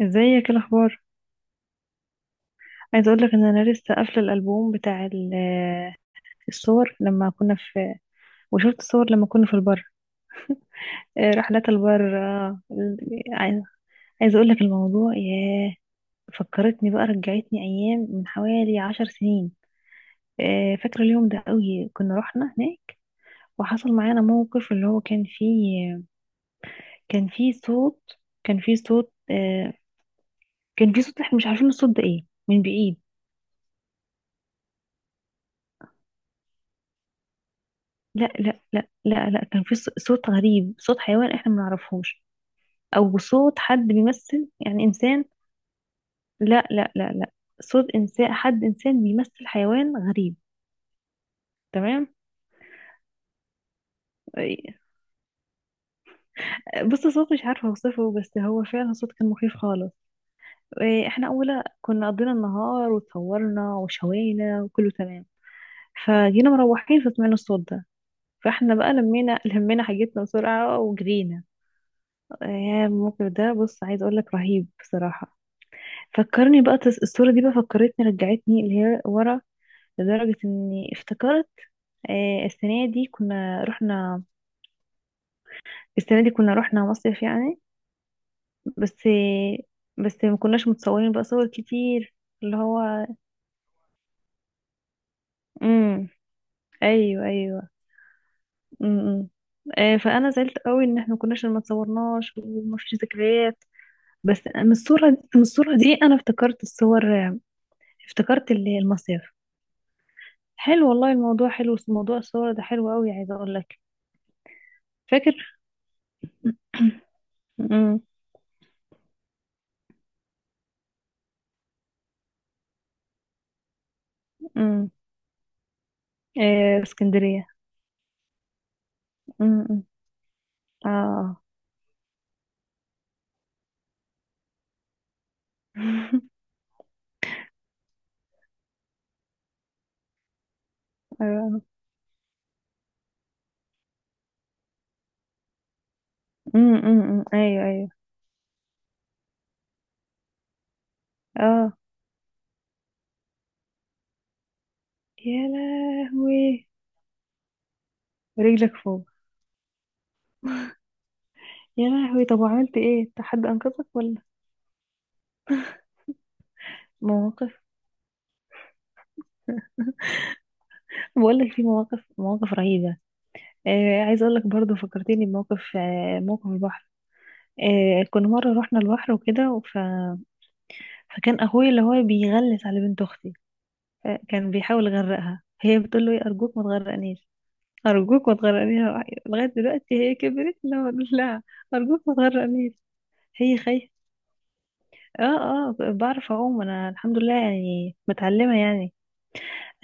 ازيك؟ إيه الاخبار؟ عايزه اقول لك ان انا لسه قافله الالبوم بتاع الصور لما كنا في، وشفت صور لما كنا في البر. رحلات البر. آه، ال- عايزه عايزه اقول لك الموضوع. ياه، فكرتني بقى، رجعتني ايام من حوالي 10 سنين. فاكره اليوم ده قوي، كنا رحنا هناك وحصل معانا موقف اللي هو كان فيه صوت. كان فيه صوت آه، كان فيه صوت، احنا مش عارفين الصوت ده ايه من بعيد. لا، لا، لا، لا، لا، كان في صوت غريب، صوت حيوان احنا ما نعرفهوش، او صوت حد بيمثل يعني انسان. لا، لا، لا، لا، صوت انسان، حد انسان بيمثل حيوان غريب. تمام. إيه، بص، الصوت مش عارفه اوصفه، بس هو فعلا صوت كان مخيف خالص. إيه، احنا اولا كنا قضينا النهار وتصورنا وشوينا وكله تمام. فجينا مروحين فسمعنا الصوت ده، فاحنا بقى لمينا حاجتنا بسرعه وجرينا. يا، الموقف ده، بص، عايز اقول لك، رهيب بصراحه. فكرني بقى، الصورة دي بقى فكرتني، رجعتني اللي هي ورا، لدرجة اني افتكرت. آه، السنة دي كنا رحنا السنة دي كنا رحنا مصيف يعني. بس بس ما كناش متصورين بقى صور كتير، اللي هو. امم. ايوه، ايوه. امم. فانا زعلت قوي ان احنا ما اتصورناش وما فيش ذكريات. بس من الصورة دي انا افتكرت الصور. افتكرت المصيف. حلو والله الموضوع، حلو موضوع الصور ده، حلو قوي، عايزة اقول لك. فاكر. امم. امم. إيه اسكندرية. امم. أمم. اه. ايوه. امم. أمم، أمم. ايوه، ايوه. اه. يا لهوي! رجلك فوق. يا لهوي. طب وعملت ايه أنت؟ حد انقذك ولا؟ مواقف. بقول لك في مواقف، مواقف رهيبة. عايزه اقول لك برضه، فكرتني بموقف. موقف البحر. كنا مرة رحنا البحر وكده، فكان اخويا اللي هو بيغلس على بنت اختي. كان بيحاول يغرقها، هي بتقول له: إيه، ارجوك ما تغرقنيش. أرجوك ما تغرقنيها. لغاية دلوقتي هي كبرت، لا بقول لها: أرجوك ما تغرقنيش. هي خايفة. اه. اه، بعرف أعوم أنا، الحمد لله، يعني متعلمة يعني.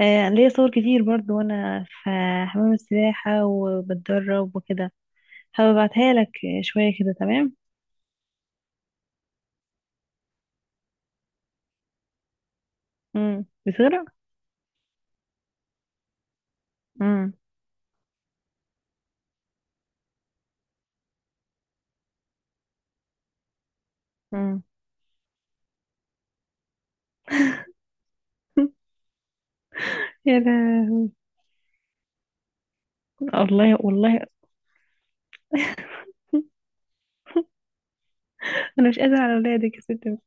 ليا صور كتير برضو، وأنا في حمام السباحة وبتدرب وكده. هبعتها لك. شوية كده تمام. مم. بتغرق. مم. مم. يا لا. والله، والله أنا مش قادرة على ولادك يا ستي.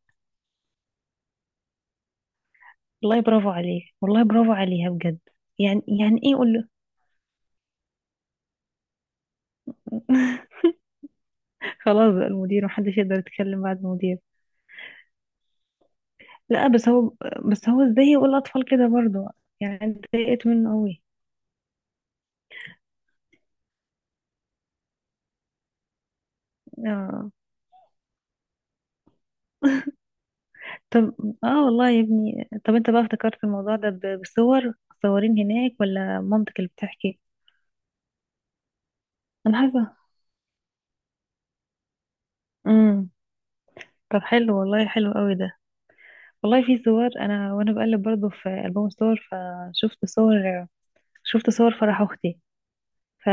والله برافو عليه. والله برافو عليها بجد. يعني إيه قول له. خلاص بقى، المدير، محدش يقدر يتكلم بعد المدير. لا، بس هو ازاي يقول الأطفال كده برضه، يعني أنا اتضايقت منه قوي. اه. طب. اه، والله يا ابني، طب انت بقى افتكرت الموضوع ده بصور؟ صورين هناك ولا مامتك اللي بتحكي؟ انا حاسه. امم. طب حلو والله، حلو قوي ده. والله في صور، انا وانا بقلب برضو في ألبوم الصور فشفت صور، شفت صور فرح اختي. ف...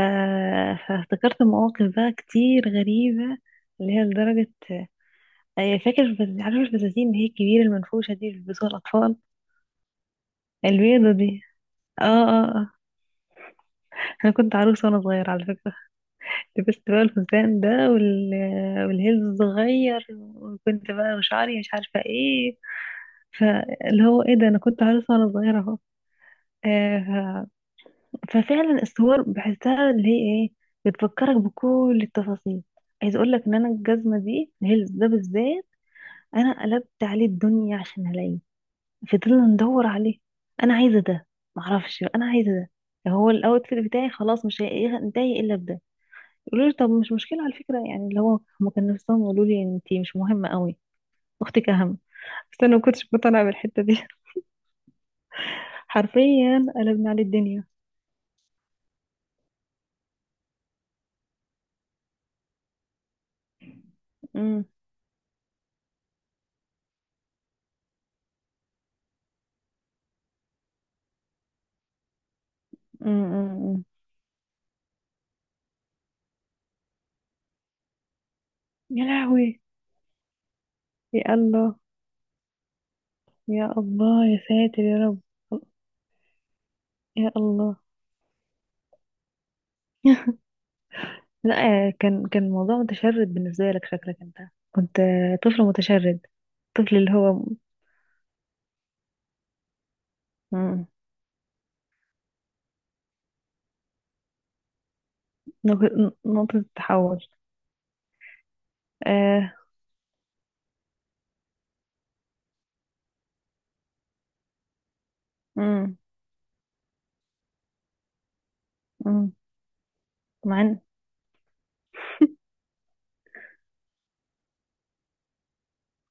فافتكرت مواقف بقى كتير غريبة، اللي هي لدرجة. أي فاكر عارف الفساتين اللي هي الكبيرة المنفوشة دي اللي بيلبسوها الأطفال، البيضة دي؟ اه، اه، اه. أنا كنت عروسة وأنا صغيرة على فكرة. لبست بقى الفستان ده والهيلز الصغير. وكنت بقى وشعري مش عارفة ايه، فاللي هو ايه ده، أنا كنت عروسة وأنا صغيرة اهو. آه، ف- ففعلا الصور بحسها اللي هي ايه، بتفكرك بكل التفاصيل. عايز اقول لك ان انا الجزمه دي، الهيلز ده بالذات، انا قلبت عليه الدنيا عشان الاقيه. فضلنا ندور عليه، انا عايزه ده، معرفش انا عايزه، ده هو الاوتفيت بتاعي خلاص، مش هينتهي الا بده. يقولوا لي: طب مش مشكله على فكره يعني، اللي هو هما كانوا نفسهم يقولوا لي انتي مش مهمه قوي، اختك اهم. بس انا ما كنتش مقتنعه بالحته دي. حرفيا قلبنا عليه الدنيا. امم. امم. أمم. يا لهوي. يا الله. يا الله. يا ساتر يا رب. يا الله. لا، كان الموضوع متشرد بالنسبه لك، شكلك انت كنت طفل متشرد، طفل اللي هو. مم. نقطة التحول. آه. مم. مم. مع ان.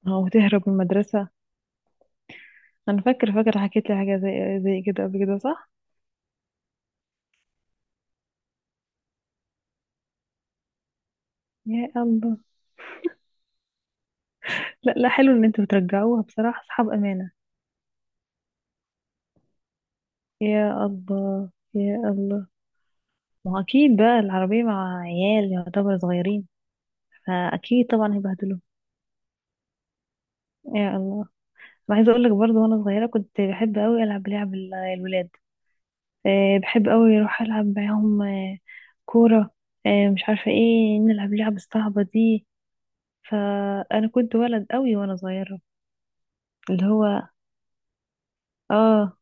هو تهرب من المدرسة؟ أنا فاكر، حكيت لي حاجة زي كده قبل كده صح؟ يا الله. لا، لا، حلو إن أنتوا بترجعوها بصراحة، أصحاب أمانة. يا الله. يا الله. ما هو أكيد بقى العربية مع عيال يعتبر صغيرين، فأكيد طبعا هيبهدلوه. يا الله. أنا عايزة أقول لك برضه، وأنا صغيرة كنت بحب أوي ألعب لعب الولاد. بحب قوي اروح العب معاهم. كوره. مش عارفه ايه، نلعب لعب الصعبه دي، فانا كنت ولد قوي وانا صغيره، اللي هو. اه.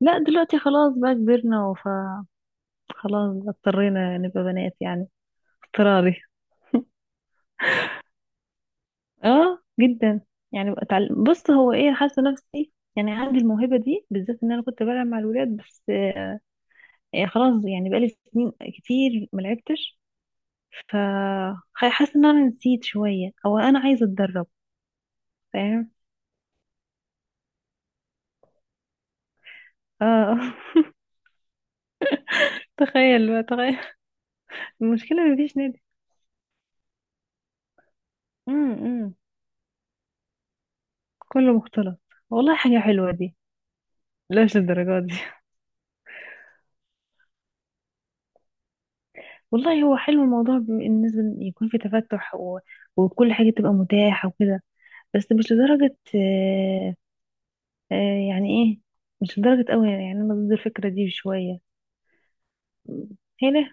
لا، دلوقتي خلاص بقى كبرنا، فخلاص بقى اضطرينا نبقى بنات يعني، اضطراري. اه جدا، يعني بقى اتعلم، بص هو ايه، حاسه نفسي يعني عندي الموهبه دي بالذات، ان انا كنت بلعب مع الولاد بس. خلاص يعني بقالي سنين كتير ما لعبتش، ف حاسه ان انا نسيت شويه، او انا عايزه اتدرب. فاهم. اه. تخيل بقى، تخيل. المشكله مفيش نادي. امم. إمم. كله مختلط. والله حاجه حلوه دي، لاش للدرجات دي. والله هو حلو الموضوع بالنسبه إن يكون في تفتح وكل حاجه تبقى متاحه وكده. بس مش لدرجه، يعني ايه، مش لدرجه قوي يعني انا ضد الفكره دي شويه. هنا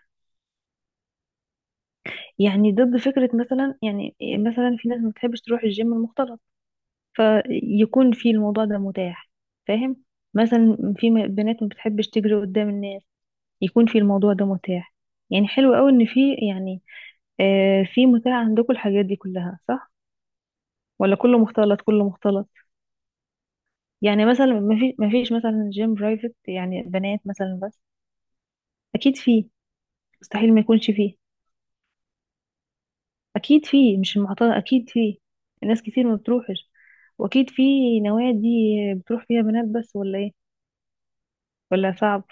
يعني ضد فكره مثلا، يعني إيه، مثلا في ناس ما بتحبش تروح الجيم المختلط. فيكون في الموضوع ده متاح. فاهم. مثلا في بنات ما بتحبش تجري قدام الناس، يكون في الموضوع ده متاح. يعني حلو قوي ان في يعني في متاح عندكم الحاجات دي كلها صح؟ ولا كله مختلط؟ كله مختلط. يعني مثلا ما فيش مثلا جيم برايفت يعني بنات مثلا بس؟ اكيد فيه. مستحيل ما يكونش فيه. اكيد فيه، مش المعترض، اكيد فيه، الناس كتير ما بتروحش. واكيد في نوادي بتروح فيها بنات بس، ولا ايه؟ ولا صعب؟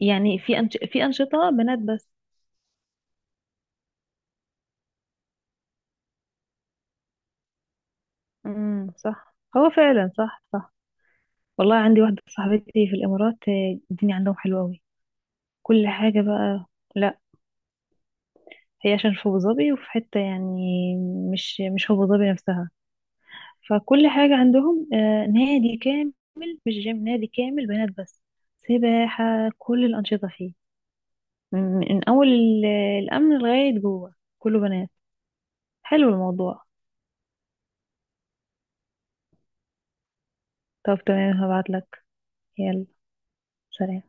يعني في في أنشطة بنات بس. امم، صح، هو فعلا صح، صح. والله عندي واحدة صاحبتي في الإمارات. الدنيا عندهم حلوة أوي، كل حاجة بقى. لا، هي عشان في أبو ظبي، وفي حتة يعني مش أبو ظبي نفسها. فكل حاجة عندهم نادي كامل، مش جيم، نادي كامل بنات بس. سباحة، كل الأنشطة فيه، من أول الأمن لغاية جوه كله بنات. حلو الموضوع. طب تمام، هبعتلك. يلا. سلام.